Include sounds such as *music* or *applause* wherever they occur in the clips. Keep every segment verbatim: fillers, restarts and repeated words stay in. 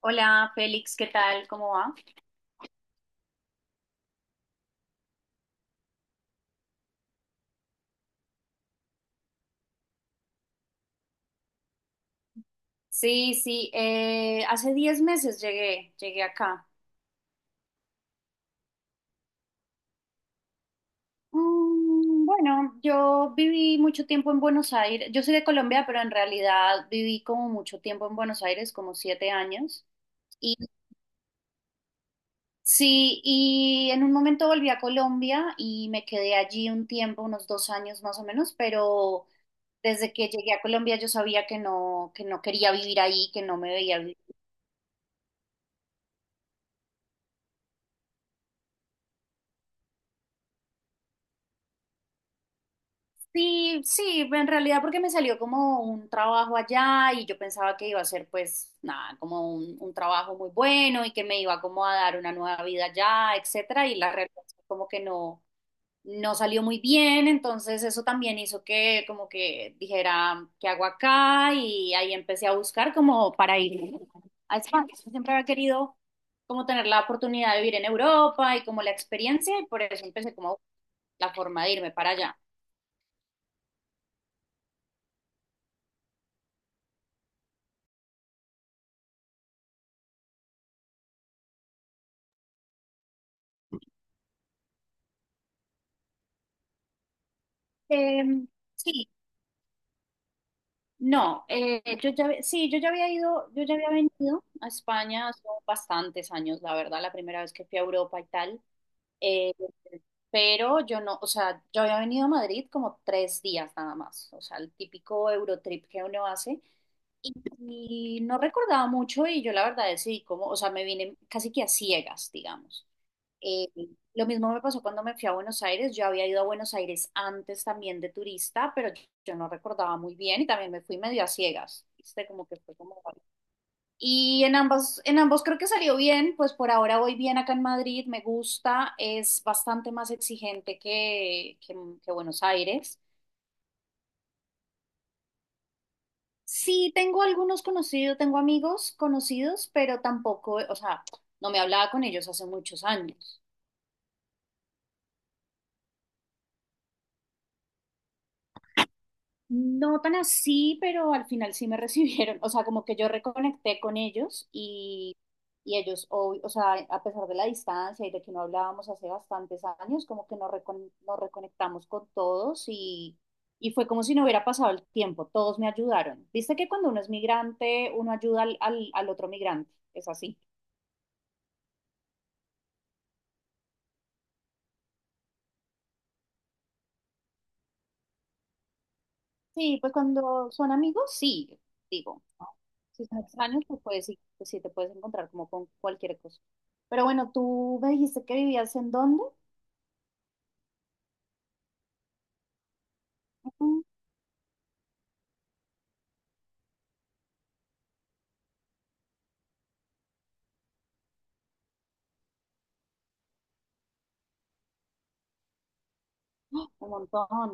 Hola, Félix, ¿qué tal? ¿Cómo va? Sí, sí, eh, hace diez meses llegué, llegué acá. Mm, bueno, yo viví mucho tiempo en Buenos Aires. Yo soy de Colombia, pero en realidad viví como mucho tiempo en Buenos Aires, como siete años. Y sí, y en un momento volví a Colombia y me quedé allí un tiempo, unos dos años más o menos, pero desde que llegué a Colombia yo sabía que no, que no quería vivir ahí, que no me veía. Sí, sí, en realidad porque me salió como un trabajo allá y yo pensaba que iba a ser pues nada, como un, un trabajo muy bueno y que me iba como a dar una nueva vida allá, etcétera, y la realidad es que como que no, no salió muy bien, entonces eso también hizo que como que dijera, ¿qué hago acá? Y ahí empecé a buscar como para ir a España. Siempre había querido como tener la oportunidad de vivir en Europa y como la experiencia y por eso empecé como la forma de irme para allá. Em, Sí, no, eh, yo ya, había- sí, yo ya había ido, yo ya había venido a España hace bastantes años, la verdad, la primera vez que fui a Europa y tal, eh, pero yo no, o sea, yo había venido a Madrid como tres días nada más, o sea, el típico Eurotrip que uno hace, y, y no recordaba mucho y yo la verdad decidí como, o sea, me vine casi que a ciegas, digamos. Eh, lo mismo me pasó cuando me fui a Buenos Aires. Yo había ido a Buenos Aires antes también de turista, pero yo no recordaba muy bien y también me fui medio a ciegas, ¿viste? Como que fue como... Y en ambas, en ambos creo que salió bien, pues por ahora voy bien acá en Madrid, me gusta, es bastante más exigente que, que, que Buenos Aires. Sí, tengo algunos conocidos, tengo amigos conocidos, pero tampoco, o sea, no me hablaba con ellos hace muchos años. No tan así, pero al final sí me *laughs* recibieron, o sea, como que yo reconecté con ellos y, y ellos, o, o sea, a pesar de la distancia y de que no hablábamos hace bastantes años, como que nos, recon- nos reconectamos con todos y, y fue como si no hubiera pasado el tiempo, todos me ayudaron. Viste que cuando uno es migrante, uno ayuda al, al al otro migrante, es así. Sí, pues cuando son amigos, sí, digo, ¿no? Si son extraños, pues, pues sí, pues sí te puedes encontrar como con cualquier cosa. Pero bueno, ¿tú me dijiste que vivías en dónde? Ujú. ¡Ah! Un montón,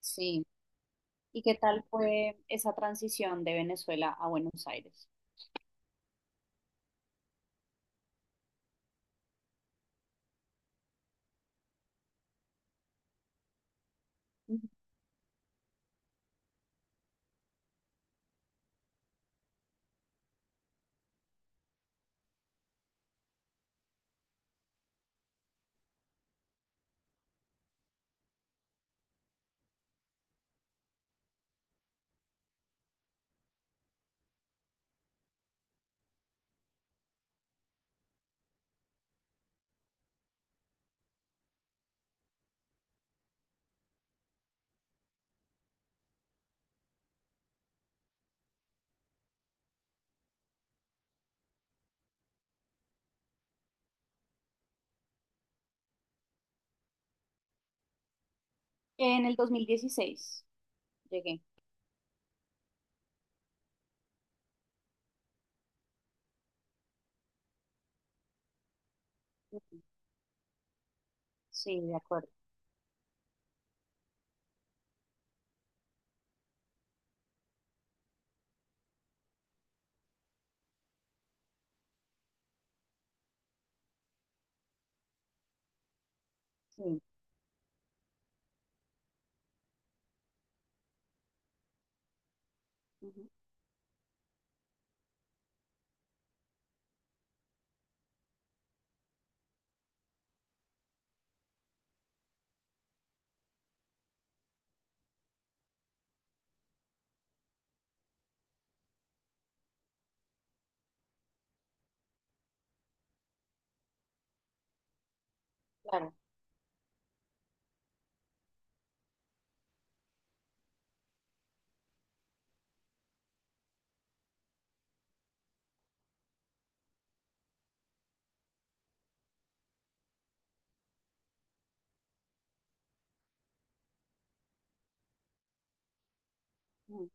sí. ¿Y qué tal fue esa transición de Venezuela a Buenos Aires? Ujú. En el dos mil dieciséis llegué. Ujú. Sí, de acuerdo, sí. Ujú. Claro, ujú.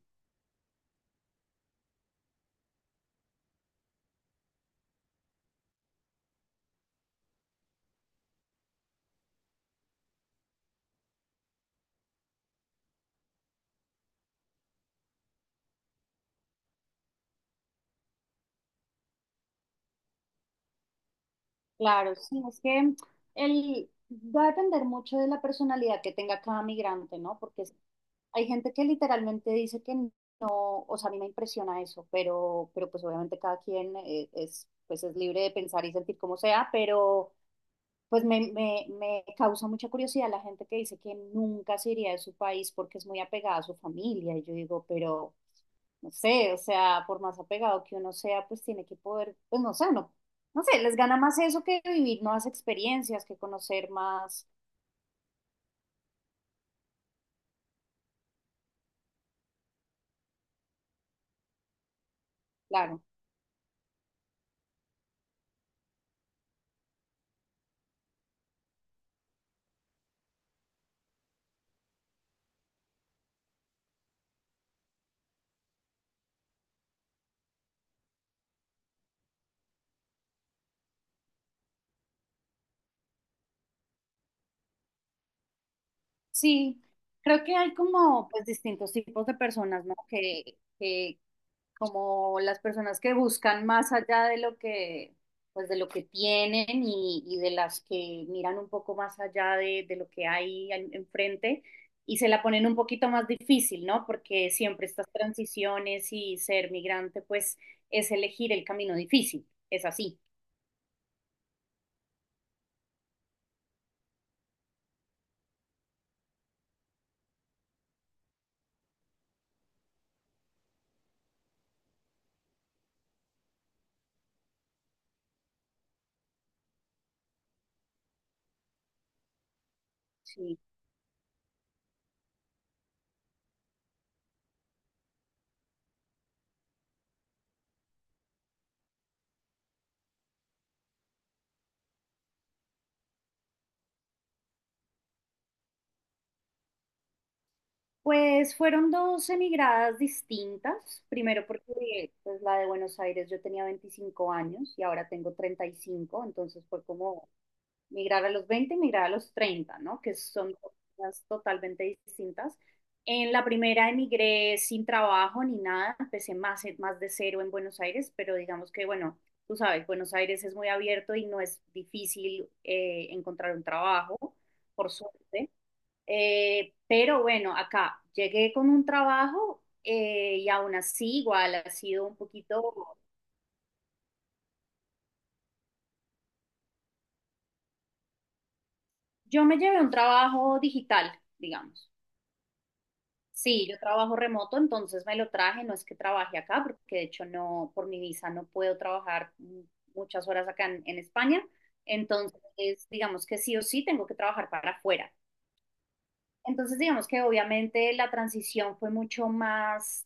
Claro, sí, es que el, va a depender mucho de la personalidad que tenga cada migrante, ¿no? Porque hay gente que literalmente dice que no, o sea, a mí me impresiona eso, pero, pero pues obviamente cada quien eh, es, pues es libre de pensar y sentir como sea, pero pues me, me, me causa mucha curiosidad la gente que dice que nunca se iría de su país porque es muy apegada a su familia. Y yo digo, pero no sé, o sea, por más apegado que uno sea, pues tiene que poder, pues no sé, no, no sé, les gana más eso que vivir nuevas experiencias, que conocer más, claro. Sí, creo que hay como pues distintos tipos de personas, ¿no? Que, que como las personas que buscan más allá de lo que pues de lo que tienen y, y de las que miran un poco más allá de, de lo que hay al- enfrente y se la ponen un poquito más difícil, ¿no? Porque siempre estas transiciones y ser migrante pues es elegir el camino difícil, es así. Sí. Pues fueron dos emigradas distintas. Primero porque pues, la de Buenos Aires yo tenía veinticinco años y ahora tengo treinta y cinco, entonces fue como migrar a los veinte, y migrar a los treinta, ¿no? Que son cosas totalmente distintas. En la primera emigré sin trabajo ni nada, empecé más, más de cero en Buenos Aires, pero digamos que, bueno, tú sabes, Buenos Aires es muy abierto y no es difícil eh, encontrar un trabajo, por suerte. Eh, pero bueno, acá llegué con un trabajo eh, y aún así igual ha sido un poquito... Yo me llevé un trabajo digital, digamos. Sí, yo trabajo remoto, entonces me lo traje, no es que trabaje acá, porque de hecho no, por mi visa no puedo trabajar mu- muchas horas acá en, en España, entonces digamos que sí o sí tengo que trabajar para afuera. Entonces digamos que obviamente la transición fue mucho más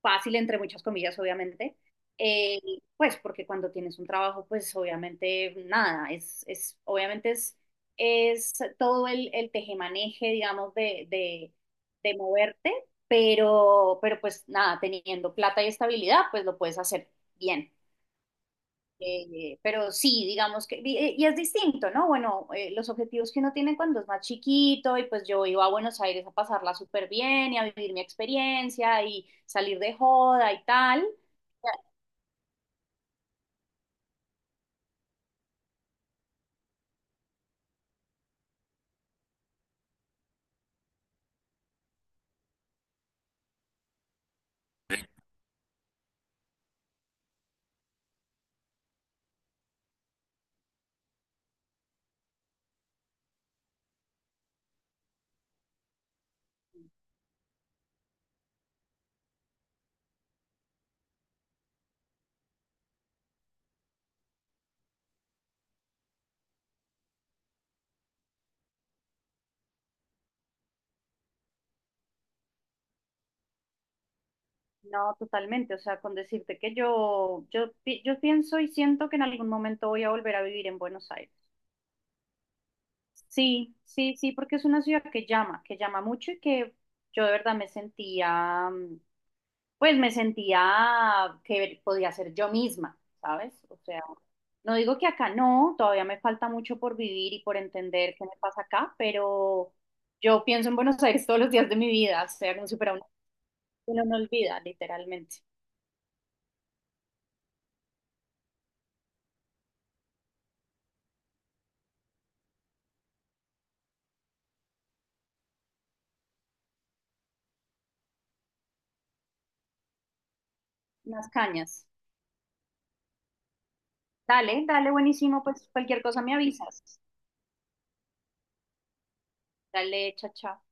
fácil, entre muchas comillas, obviamente, eh, pues porque cuando tienes un trabajo, pues obviamente nada, es, es obviamente es, es todo el, el tejemaneje, digamos, de, de, de moverte, pero, pero pues nada, teniendo plata y estabilidad, pues lo puedes hacer bien. Eh, pero sí, digamos que, y, y es distinto, ¿no? Bueno, eh, los objetivos que uno tiene cuando es más chiquito, y pues yo iba a Buenos Aires a pasarla súper bien y a vivir mi experiencia y salir de joda y tal. eh, No, totalmente, o sea, con decirte que yo, yo, pi- yo pienso y siento que en algún momento voy a volver a vivir en Buenos Aires. Sí, sí, sí, porque es una ciudad que llama, que llama mucho y que yo de verdad me sentía, mm, pues me sentía que podía ser yo misma, ¿sabes? O sea, no digo que acá no, todavía me falta mucho por vivir y por entender qué me pasa acá, pero yo pienso en Buenos Aires todos los días de mi vida, o sea, como si fuera una- uno no olvida, literalmente. Unas cañas. Dale, dale, buenísimo, pues cualquier cosa me avisas. Dale, chacha.